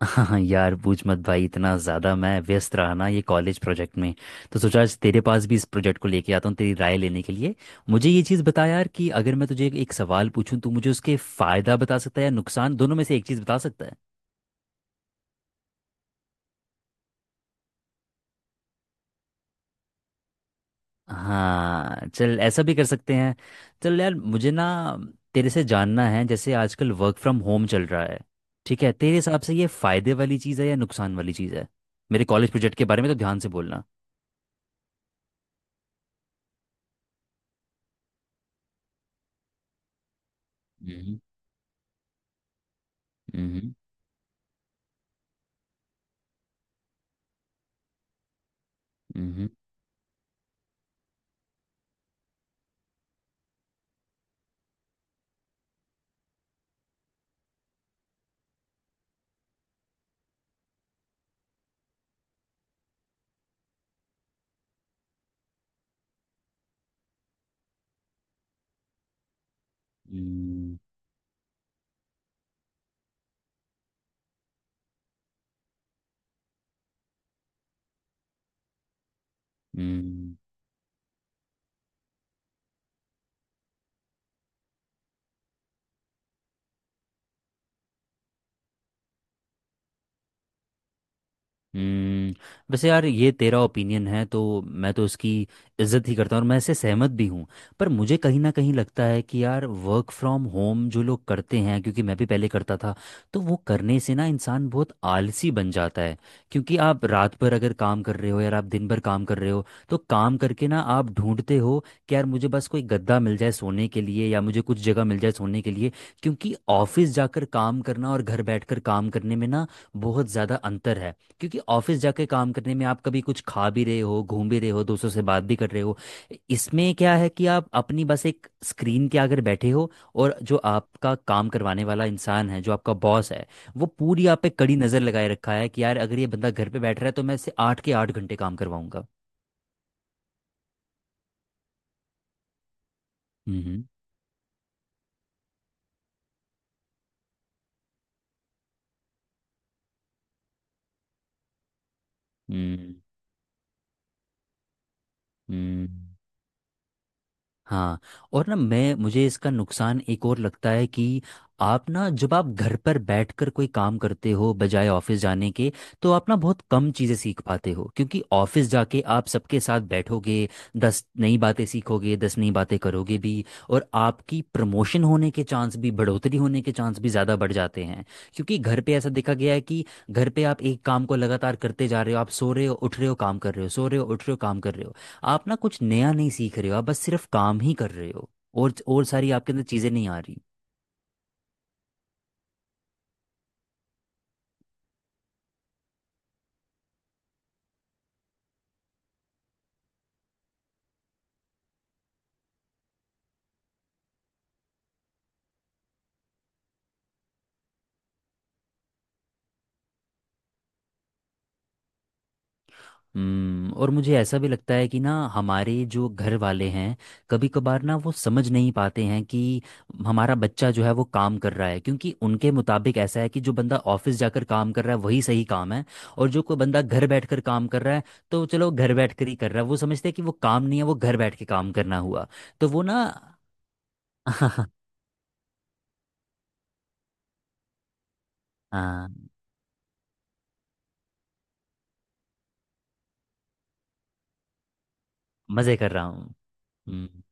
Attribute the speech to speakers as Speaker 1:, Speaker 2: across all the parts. Speaker 1: हाँ यार, पूछ मत भाई। इतना ज़्यादा मैं व्यस्त रहा ना ये कॉलेज प्रोजेक्ट में, तो सोचा आज तेरे पास भी इस प्रोजेक्ट को लेके आता हूँ तेरी राय लेने के लिए। मुझे ये चीज़ बता यार, कि अगर मैं तुझे एक सवाल पूछूँ तो मुझे उसके फ़ायदा बता सकता है या नुकसान, दोनों में से एक चीज़ बता सकता है। हाँ, चल ऐसा भी कर सकते हैं। चल यार, मुझे ना तेरे से जानना है। जैसे आजकल वर्क फ्रॉम होम चल रहा है, ठीक है, तेरे हिसाब से ये फ़ायदे वाली चीज़ है या नुकसान वाली चीज़ है। मेरे कॉलेज प्रोजेक्ट के बारे में तो ध्यान से बोलना। हम्म। हम्म। हम्म। हम्म। हम्म। हम्म। हम्म। वैसे यार, ये तेरा ओपिनियन है तो मैं तो इसकी इज्जत ही करता हूँ, और मैं इससे सहमत भी हूँ। पर मुझे कहीं ना कहीं लगता है कि यार वर्क फ्रॉम होम जो लोग करते हैं, क्योंकि मैं भी पहले करता था, तो वो करने से ना इंसान बहुत आलसी बन जाता है। क्योंकि आप रात भर अगर काम कर रहे हो यार, आप दिन भर काम कर रहे हो, तो काम करके ना आप ढूंढते हो कि यार मुझे बस कोई गद्दा मिल जाए सोने के लिए, या मुझे कुछ जगह मिल जाए सोने के लिए। क्योंकि ऑफिस जाकर काम करना और घर बैठकर काम करने में ना बहुत ज़्यादा अंतर है। क्योंकि ऑफिस जाके काम करने में आप कभी कुछ खा भी रहे हो, घूम भी रहे हो, दोस्तों से बात भी कर रहे हो। इसमें क्या है कि आप अपनी बस एक स्क्रीन के आगे बैठे हो, और जो आपका काम करवाने वाला इंसान है, जो आपका बॉस है, वो पूरी आप पे कड़ी नज़र लगाए रखा है कि यार अगर ये बंदा घर पे बैठ रहा है तो मैं इससे आठ के आठ घंटे काम करवाऊंगा। हम्म। हम्म। हम्म। हाँ। और ना मैं मुझे इसका नुकसान एक और लगता है, कि आप ना, जब आप घर पर बैठकर कोई काम करते हो बजाय ऑफिस जाने के, तो आप ना बहुत कम चीज़ें सीख पाते हो। क्योंकि ऑफिस जाके आप सबके साथ बैठोगे, 10 नई बातें सीखोगे, 10 नई बातें करोगे भी। और आपकी प्रमोशन होने के चांस भी, बढ़ोतरी होने के चांस भी ज़्यादा बढ़ जाते हैं। क्योंकि घर पे ऐसा देखा गया है कि घर पे आप एक काम को लगातार करते जा रहे हो, आप सो रहे हो, उठ रहे हो, काम कर रहे हो, सो रहे हो, उठ रहे हो, काम कर रहे हो। आप ना कुछ नया नहीं सीख रहे हो, आप बस सिर्फ काम ही कर रहे हो। और सारी आपके अंदर चीज़ें नहीं आ रही। हम्म। और मुझे ऐसा भी लगता है कि ना, हमारे जो घर वाले हैं, कभी कभार ना वो समझ नहीं पाते हैं कि हमारा बच्चा जो है वो काम कर रहा है। क्योंकि उनके मुताबिक ऐसा है कि जो बंदा ऑफिस जाकर काम कर रहा है वही सही काम है। और जो कोई बंदा घर बैठकर काम कर रहा है, तो चलो घर बैठकर ही कर रहा है, वो समझते हैं कि वो काम नहीं है, वो घर बैठ के काम करना हुआ। तो वो ना। हाँ, मज़े कर रहा हूँ। हम्म।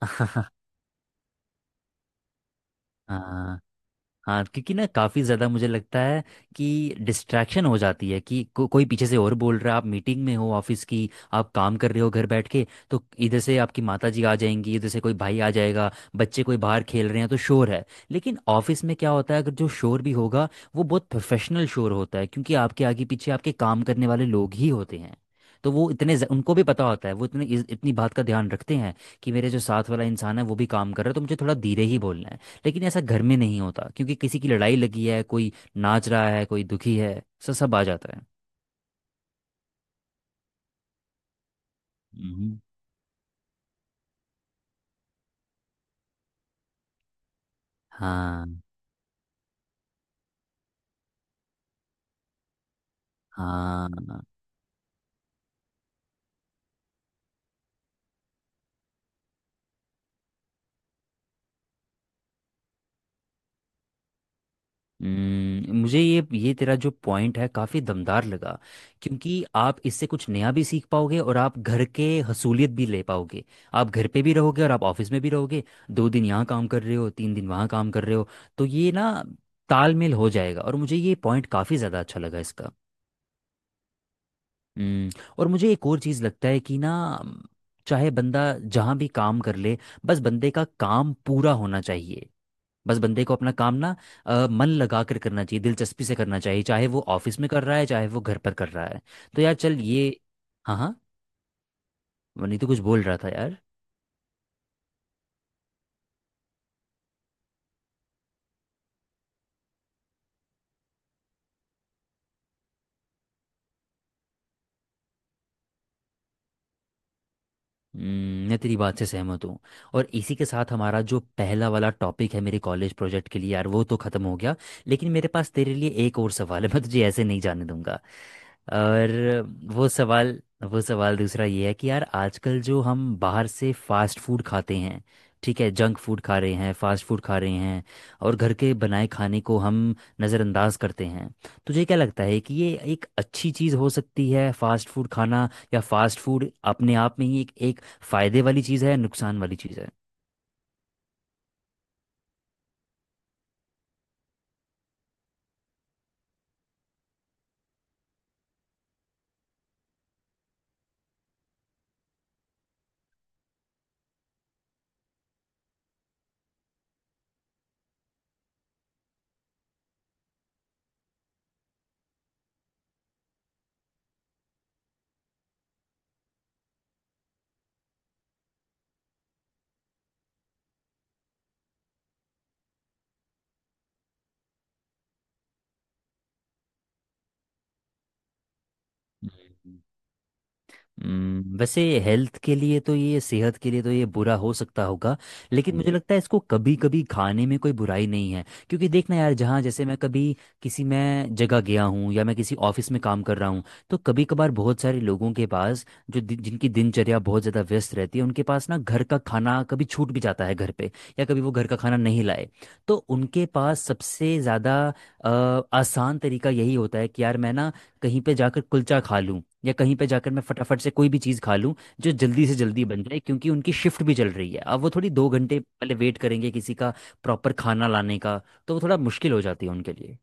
Speaker 1: हाँ। हाँ, क्योंकि ना काफ़ी ज़्यादा मुझे लगता है कि डिस्ट्रैक्शन हो जाती है, कि कोई पीछे से और बोल रहा है। आप मीटिंग में हो ऑफिस की, आप काम कर रहे हो घर बैठ के, तो इधर से आपकी माता जी आ जाएंगी, इधर से कोई भाई आ जाएगा, बच्चे कोई बाहर खेल रहे हैं तो शोर है। लेकिन ऑफिस में क्या होता है, अगर जो शोर भी होगा, वो बहुत प्रोफेशनल शोर होता है, क्योंकि आपके आगे पीछे आपके काम करने वाले लोग ही होते हैं। तो वो इतने उनको भी पता होता है, वो इतने इतनी बात का ध्यान रखते हैं कि मेरे जो साथ वाला इंसान है वो भी काम कर रहा है, तो मुझे थोड़ा धीरे ही बोलना है। लेकिन ऐसा घर में नहीं होता, क्योंकि किसी की लड़ाई लगी है, कोई नाच रहा है, कोई दुखी है, सब सब आ जाता है। हम्म। हाँ। हाँ। मुझे ये तेरा जो पॉइंट है काफ़ी दमदार लगा। क्योंकि आप इससे कुछ नया भी सीख पाओगे, और आप घर के हसूलियत भी ले पाओगे। आप घर पे भी रहोगे और आप ऑफिस में भी रहोगे। 2 दिन यहाँ काम कर रहे हो, 3 दिन वहाँ काम कर रहे हो, तो ये ना तालमेल हो जाएगा। और मुझे ये पॉइंट काफ़ी ज़्यादा अच्छा लगा इसका। हम्म। और मुझे एक और चीज़ लगता है कि ना, चाहे बंदा जहाँ भी काम कर ले, बस बंदे का काम पूरा होना चाहिए। बस बंदे को अपना काम ना मन लगा कर करना चाहिए, दिलचस्पी से करना चाहिए, चाहे वो ऑफिस में कर रहा है चाहे वो घर पर कर रहा है। तो यार चल ये। हाँ हाँ, वनी तो कुछ बोल रहा था यार। मैं तेरी बात से सहमत हूँ। और इसी के साथ हमारा जो पहला वाला टॉपिक है मेरे कॉलेज प्रोजेक्ट के लिए, यार वो तो ख़त्म हो गया। लेकिन मेरे पास तेरे लिए एक और सवाल है, मैं तुझे ऐसे नहीं जाने दूंगा। और वो सवाल वो सवाल दूसरा ये है कि यार आजकल जो हम बाहर से फास्ट फूड खाते हैं, ठीक है, जंक फूड खा रहे हैं, फास्ट फूड खा रहे हैं, और घर के बनाए खाने को हम नज़रअंदाज करते हैं। तुझे क्या लगता है कि ये एक अच्छी चीज़ हो सकती है, फास्ट फूड खाना? या फास्ट फूड अपने आप में ही एक एक फायदे वाली चीज़ है या नुकसान वाली चीज़ है? हम्म। वैसे हेल्थ के लिए तो ये, सेहत के लिए तो ये बुरा हो सकता होगा। लेकिन मुझे लगता है इसको कभी कभी खाने में कोई बुराई नहीं है, क्योंकि देखना यार, जहाँ जैसे मैं कभी किसी मैं जगह गया हूँ या मैं किसी ऑफिस में काम कर रहा हूँ, तो कभी कभार बहुत सारे लोगों के पास, जो जिनकी दिनचर्या बहुत ज़्यादा व्यस्त रहती है, उनके पास ना घर का खाना कभी छूट भी जाता है घर पे, या कभी वो घर का खाना नहीं लाए, तो उनके पास सबसे ज़्यादा अ, आसान तरीका यही होता है कि यार मैं ना कहीं पे जाकर कुलचा खा लूं, या कहीं पे जाकर मैं फटाफट से कोई भी चीज़ खा लूं जो जल्दी से जल्दी बन जाए। क्योंकि उनकी शिफ्ट भी चल रही है, अब वो थोड़ी 2 घंटे पहले वेट करेंगे किसी का प्रॉपर खाना लाने का, तो वो थोड़ा मुश्किल हो जाती है उनके लिए।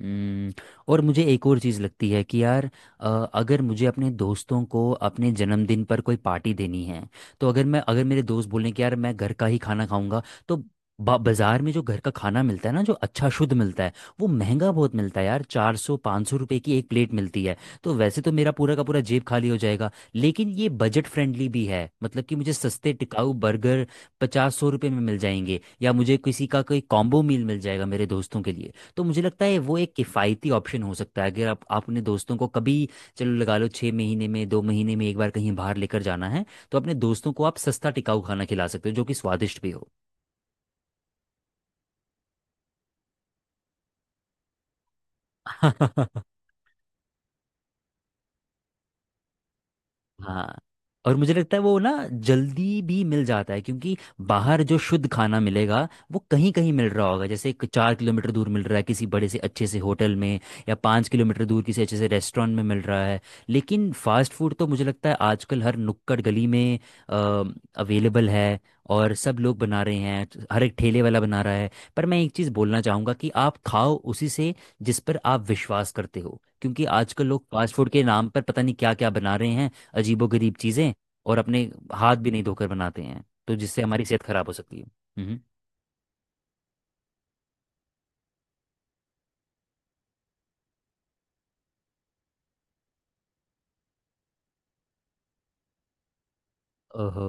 Speaker 1: हम्म, और मुझे एक और चीज़ लगती है कि यार, अ, अगर मुझे अपने दोस्तों को अपने जन्मदिन पर कोई पार्टी देनी है, तो अगर मैं, अगर मेरे दोस्त बोलें कि यार मैं घर का ही खाना खाऊंगा, तो बाजार में जो घर का खाना मिलता है ना, जो अच्छा शुद्ध मिलता है, वो महंगा बहुत मिलता है यार, 400-500 रुपये की एक प्लेट मिलती है। तो वैसे तो मेरा पूरा का पूरा जेब खाली हो जाएगा, लेकिन ये बजट फ्रेंडली भी है, मतलब कि मुझे सस्ते टिकाऊ बर्गर 50-100 रुपये में मिल जाएंगे, या मुझे किसी का कोई कॉम्बो मील मिल जाएगा मेरे दोस्तों के लिए। तो मुझे लगता है वो एक किफ़ायती ऑप्शन हो सकता है, अगर आप, आप अपने दोस्तों को कभी, चलो लगा लो 6 महीने में, 2 महीने में एक बार कहीं बाहर लेकर जाना है, तो अपने दोस्तों को आप सस्ता टिकाऊ खाना खिला सकते हो जो कि स्वादिष्ट भी हो। हाँ। और मुझे लगता है वो ना जल्दी भी मिल जाता है, क्योंकि बाहर जो शुद्ध खाना मिलेगा वो कहीं कहीं मिल रहा होगा, जैसे एक 4 किलोमीटर दूर मिल रहा है किसी बड़े से अच्छे से होटल में, या 5 किलोमीटर दूर किसी अच्छे से रेस्टोरेंट में मिल रहा है। लेकिन फास्ट फूड तो मुझे लगता है आजकल हर नुक्कड़ गली में अवेलेबल है, और सब लोग बना रहे हैं, हर एक ठेले वाला बना रहा है। पर मैं एक चीज़ बोलना चाहूँगा कि आप खाओ उसी से जिस पर आप विश्वास करते हो, क्योंकि आजकल लोग फास्ट फूड के नाम पर पता नहीं क्या क्या बना रहे हैं, अजीबोगरीब चीज़ें, और अपने हाथ भी नहीं धोकर बनाते हैं, तो जिससे हमारी सेहत खराब हो सकती है। हम्म। ओहो।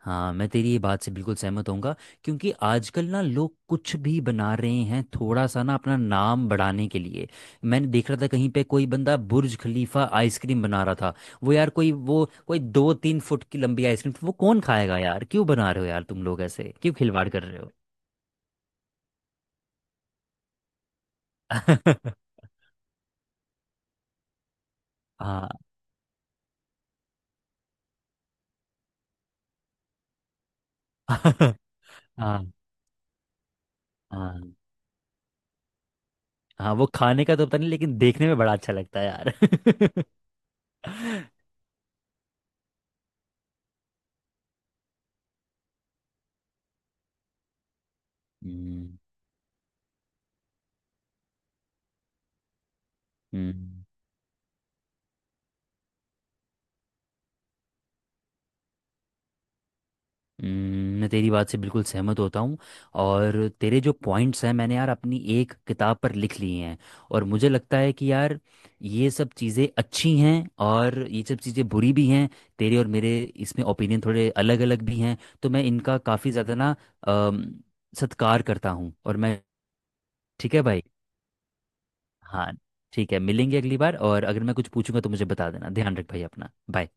Speaker 1: हाँ, मैं तेरी ये बात से बिल्कुल सहमत होऊंगा, क्योंकि आजकल ना लोग कुछ भी बना रहे हैं थोड़ा सा ना अपना नाम बढ़ाने के लिए। मैंने देख रहा था कहीं पे कोई बंदा बुर्ज खलीफा आइसक्रीम बना रहा था। वो यार कोई, वो कोई 2-3 फुट की लंबी आइसक्रीम, वो कौन खाएगा यार? क्यों बना रहे हो यार, तुम लोग ऐसे क्यों खिलवाड़ कर रहे हो? हाँ। हाँ। हाँ। हाँ, वो खाने का तो पता नहीं, लेकिन देखने में बड़ा अच्छा लगता है यार। हम्म। हम्म, मैं तेरी बात से बिल्कुल सहमत होता हूँ। और तेरे जो पॉइंट्स हैं मैंने यार अपनी एक किताब पर लिख लिए हैं। और मुझे लगता है कि यार ये सब चीज़ें अच्छी हैं, और ये सब चीज़ें बुरी भी हैं। तेरे और मेरे इसमें ओपिनियन थोड़े अलग अलग भी हैं, तो मैं इनका काफ़ी ज़्यादा ना अम, सत्कार करता हूँ। और मैं। ठीक है भाई। हाँ, ठीक है, मिलेंगे अगली बार। और अगर मैं कुछ पूछूंगा तो मुझे बता देना। ध्यान रख भाई अपना। बाय।